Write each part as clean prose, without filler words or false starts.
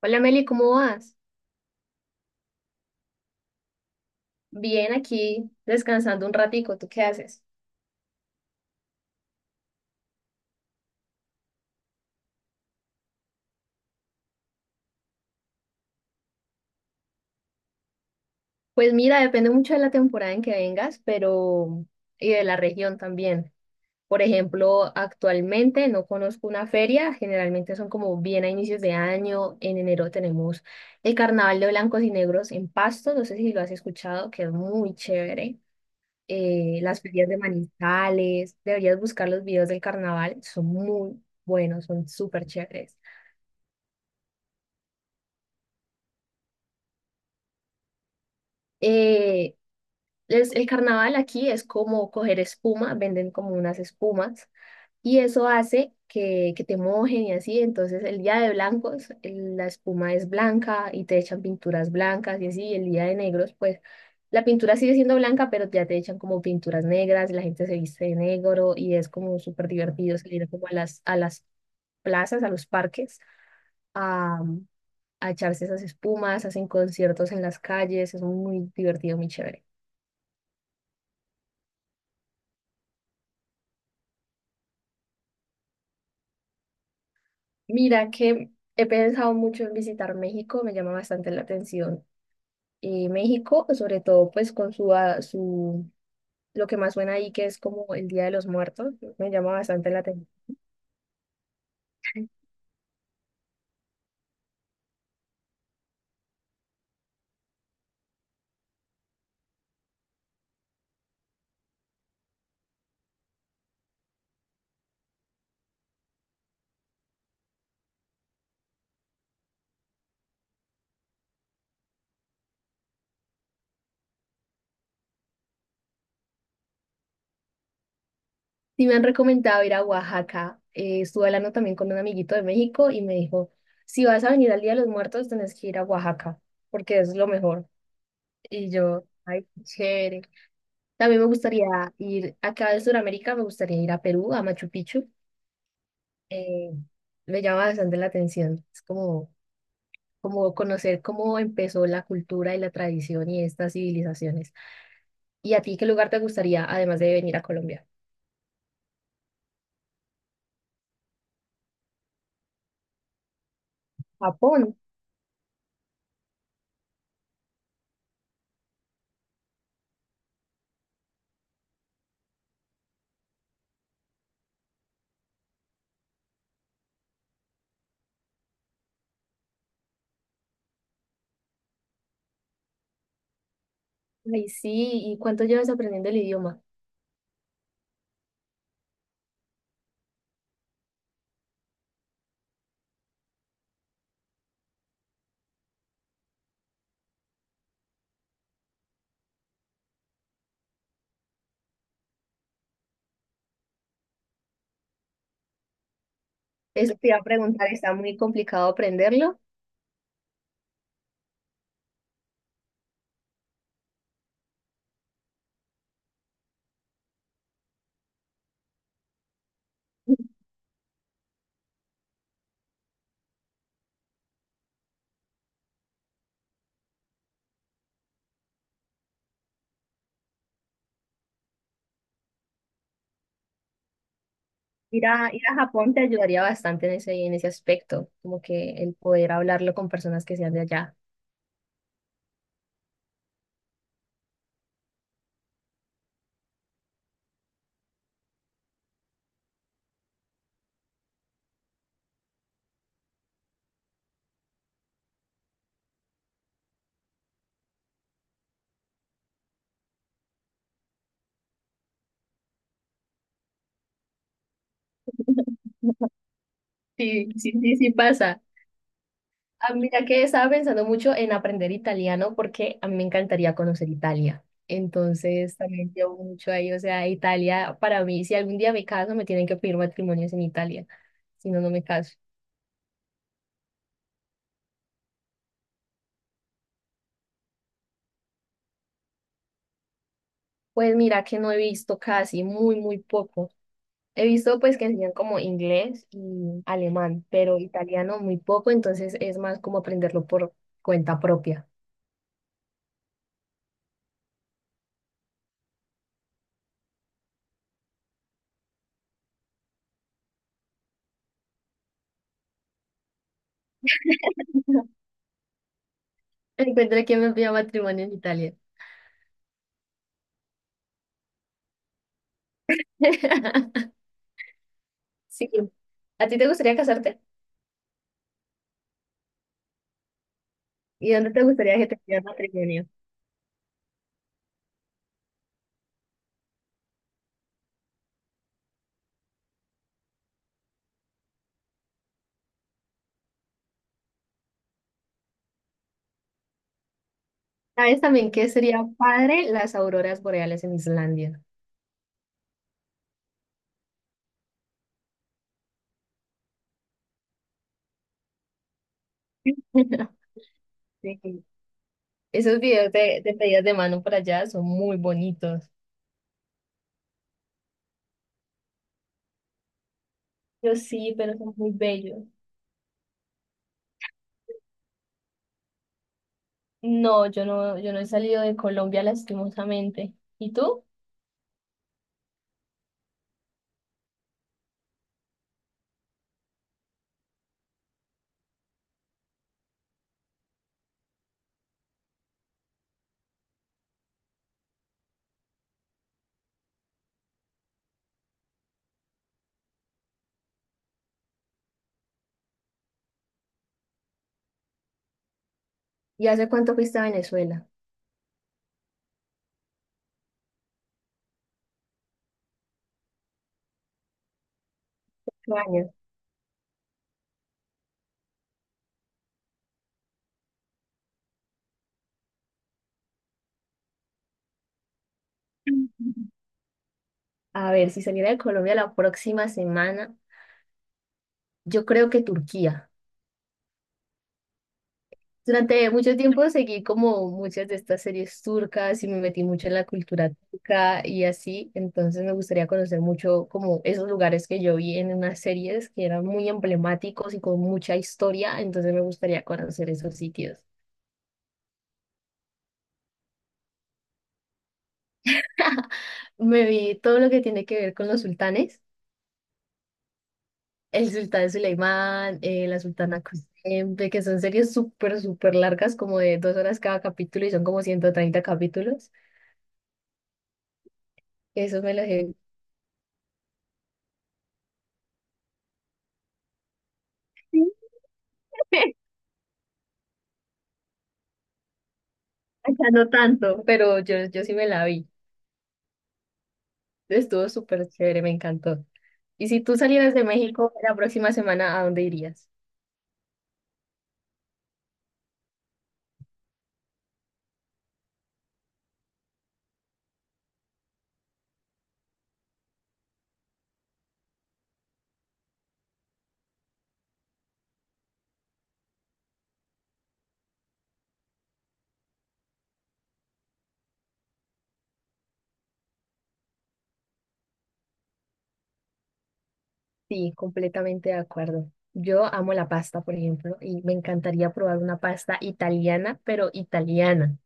Hola Meli, ¿cómo vas? Bien, aquí descansando un ratico, ¿tú qué haces? Pues mira, depende mucho de la temporada en que vengas, pero y de la región también. Por ejemplo, actualmente no conozco una feria, generalmente son como bien a inicios de año. En enero tenemos el Carnaval de Blancos y Negros en Pasto, no sé si lo has escuchado, que es muy chévere. Las ferias de Manizales, deberías buscar los videos del carnaval, son muy buenos, son súper chéveres. Eh, el carnaval aquí es como coger espuma, venden como unas espumas y eso hace que te mojen y así. Entonces el día de blancos la espuma es blanca y te echan pinturas blancas y así, y el día de negros pues la pintura sigue siendo blanca pero ya te echan como pinturas negras, la gente se viste de negro y es como súper divertido salir como a a las plazas, a los parques, a, a echarse esas espumas, hacen conciertos en las calles, es muy divertido, muy chévere. Mira que he pensado mucho en visitar México, me llama bastante la atención. Y México, sobre todo, pues con su, lo que más suena ahí, que es como el Día de los Muertos, me llama bastante la atención. Sí, me han recomendado ir a Oaxaca. Estuve hablando también con un amiguito de México y me dijo, si vas a venir al Día de los Muertos, tenés que ir a Oaxaca, porque es lo mejor. Y yo, ay, qué chévere. También me gustaría ir, acá de Sudamérica, me gustaría ir a Perú, a Machu Picchu. eh, Me llama bastante la atención. Es como, como conocer cómo empezó la cultura y la tradición y estas civilizaciones. ¿Y a ti qué lugar te gustaría, además de venir a Colombia? Japón. Ay, sí. ¿Y cuánto llevas aprendiendo el idioma? Eso te iba a preguntar, ¿está muy complicado aprenderlo? Ir a Japón te ayudaría bastante en en ese aspecto, como que el poder hablarlo con personas que sean de allá. Sí, sí, sí, sí pasa. Ah, mira que estaba pensando mucho en aprender italiano porque a mí me encantaría conocer Italia. Entonces también llevo mucho ahí, o sea, Italia para mí, si algún día me caso, me tienen que pedir matrimonios en Italia, si no, no me caso. Pues mira que no he visto casi, muy, muy poco. He visto pues que enseñan como inglés y alemán, pero italiano muy poco, entonces es más como aprenderlo por cuenta propia. Encuentra quién me pida matrimonio en Italia. Sí. ¿A ti te gustaría casarte? ¿Y dónde te gustaría que te pidiera matrimonio? ¿Sabes también que sería padre las auroras boreales en Islandia? Sí. Esos videos de pedidas de mano por allá son muy bonitos. Yo sí, pero son muy bellos. No, yo no, yo no he salido de Colombia lastimosamente. ¿Y tú? ¿Y hace cuánto fuiste a Venezuela? 8 años. A ver, si saliera de Colombia la próxima semana, yo creo que Turquía. Durante mucho tiempo seguí como muchas de estas series turcas y me metí mucho en la cultura turca y así, entonces me gustaría conocer mucho como esos lugares que yo vi en unas series que eran muy emblemáticos y con mucha historia, entonces me gustaría conocer esos sitios. Me vi todo lo que tiene que ver con los sultanes, el sultán Suleimán, la sultana Kuzenbe, que son series súper, súper largas, como de 2 horas cada capítulo y son como 130 capítulos. Eso me lo he... Ya no tanto, pero yo sí me la vi. Estuvo súper chévere, me encantó. Y si tú salieras de México la próxima semana, ¿a dónde irías? Sí, completamente de acuerdo. Yo amo la pasta, por ejemplo, y me encantaría probar una pasta italiana, pero italiana.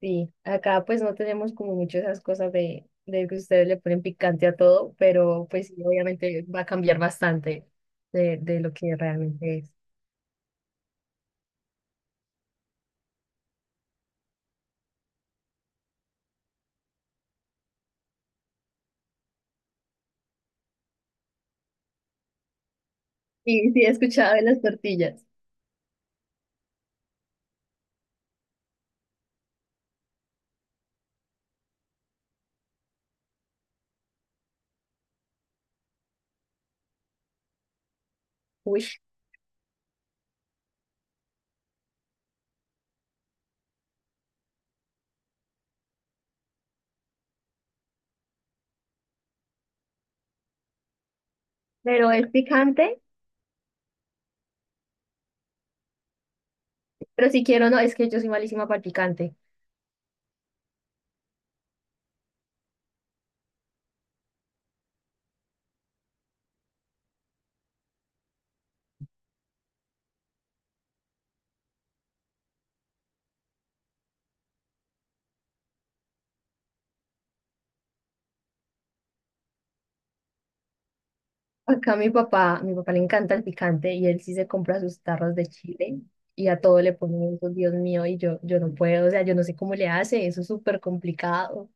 Sí, acá pues no tenemos como mucho esas cosas de que ustedes le ponen picante a todo, pero pues sí, obviamente va a cambiar bastante de lo que realmente es. Sí, sí, he escuchado de las tortillas. Uy, pero es picante. Pero si quiero, no, es que yo soy malísima para el picante. Acá mi papá le encanta el picante y él sí se compra sus tarros de chile y a todo le pone eso, Dios mío, y yo no puedo, o sea, yo no sé cómo le hace, eso es súper complicado.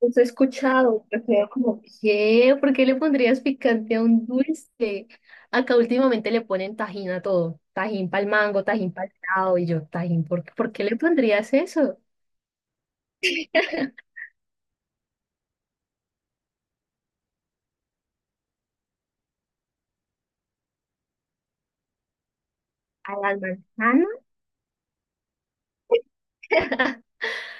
Eso he escuchado, pero quedo como, ¿qué? ¿Por qué le pondrías picante a un dulce? Acá últimamente le ponen tajín a todo, tajín para el mango, tajín para el helado, y yo, tajín, ¿por qué le pondrías eso? ¿A las manzanas?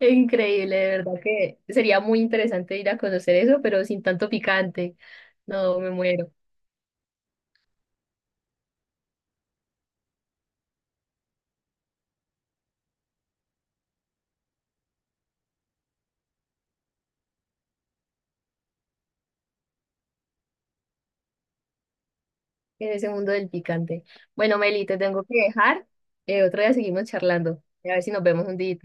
Increíble, de verdad que sería muy interesante ir a conocer eso, pero sin tanto picante. No, me muero en ese mundo del picante. Bueno, Meli, te tengo que dejar. Otro día seguimos charlando. A ver si nos vemos un día.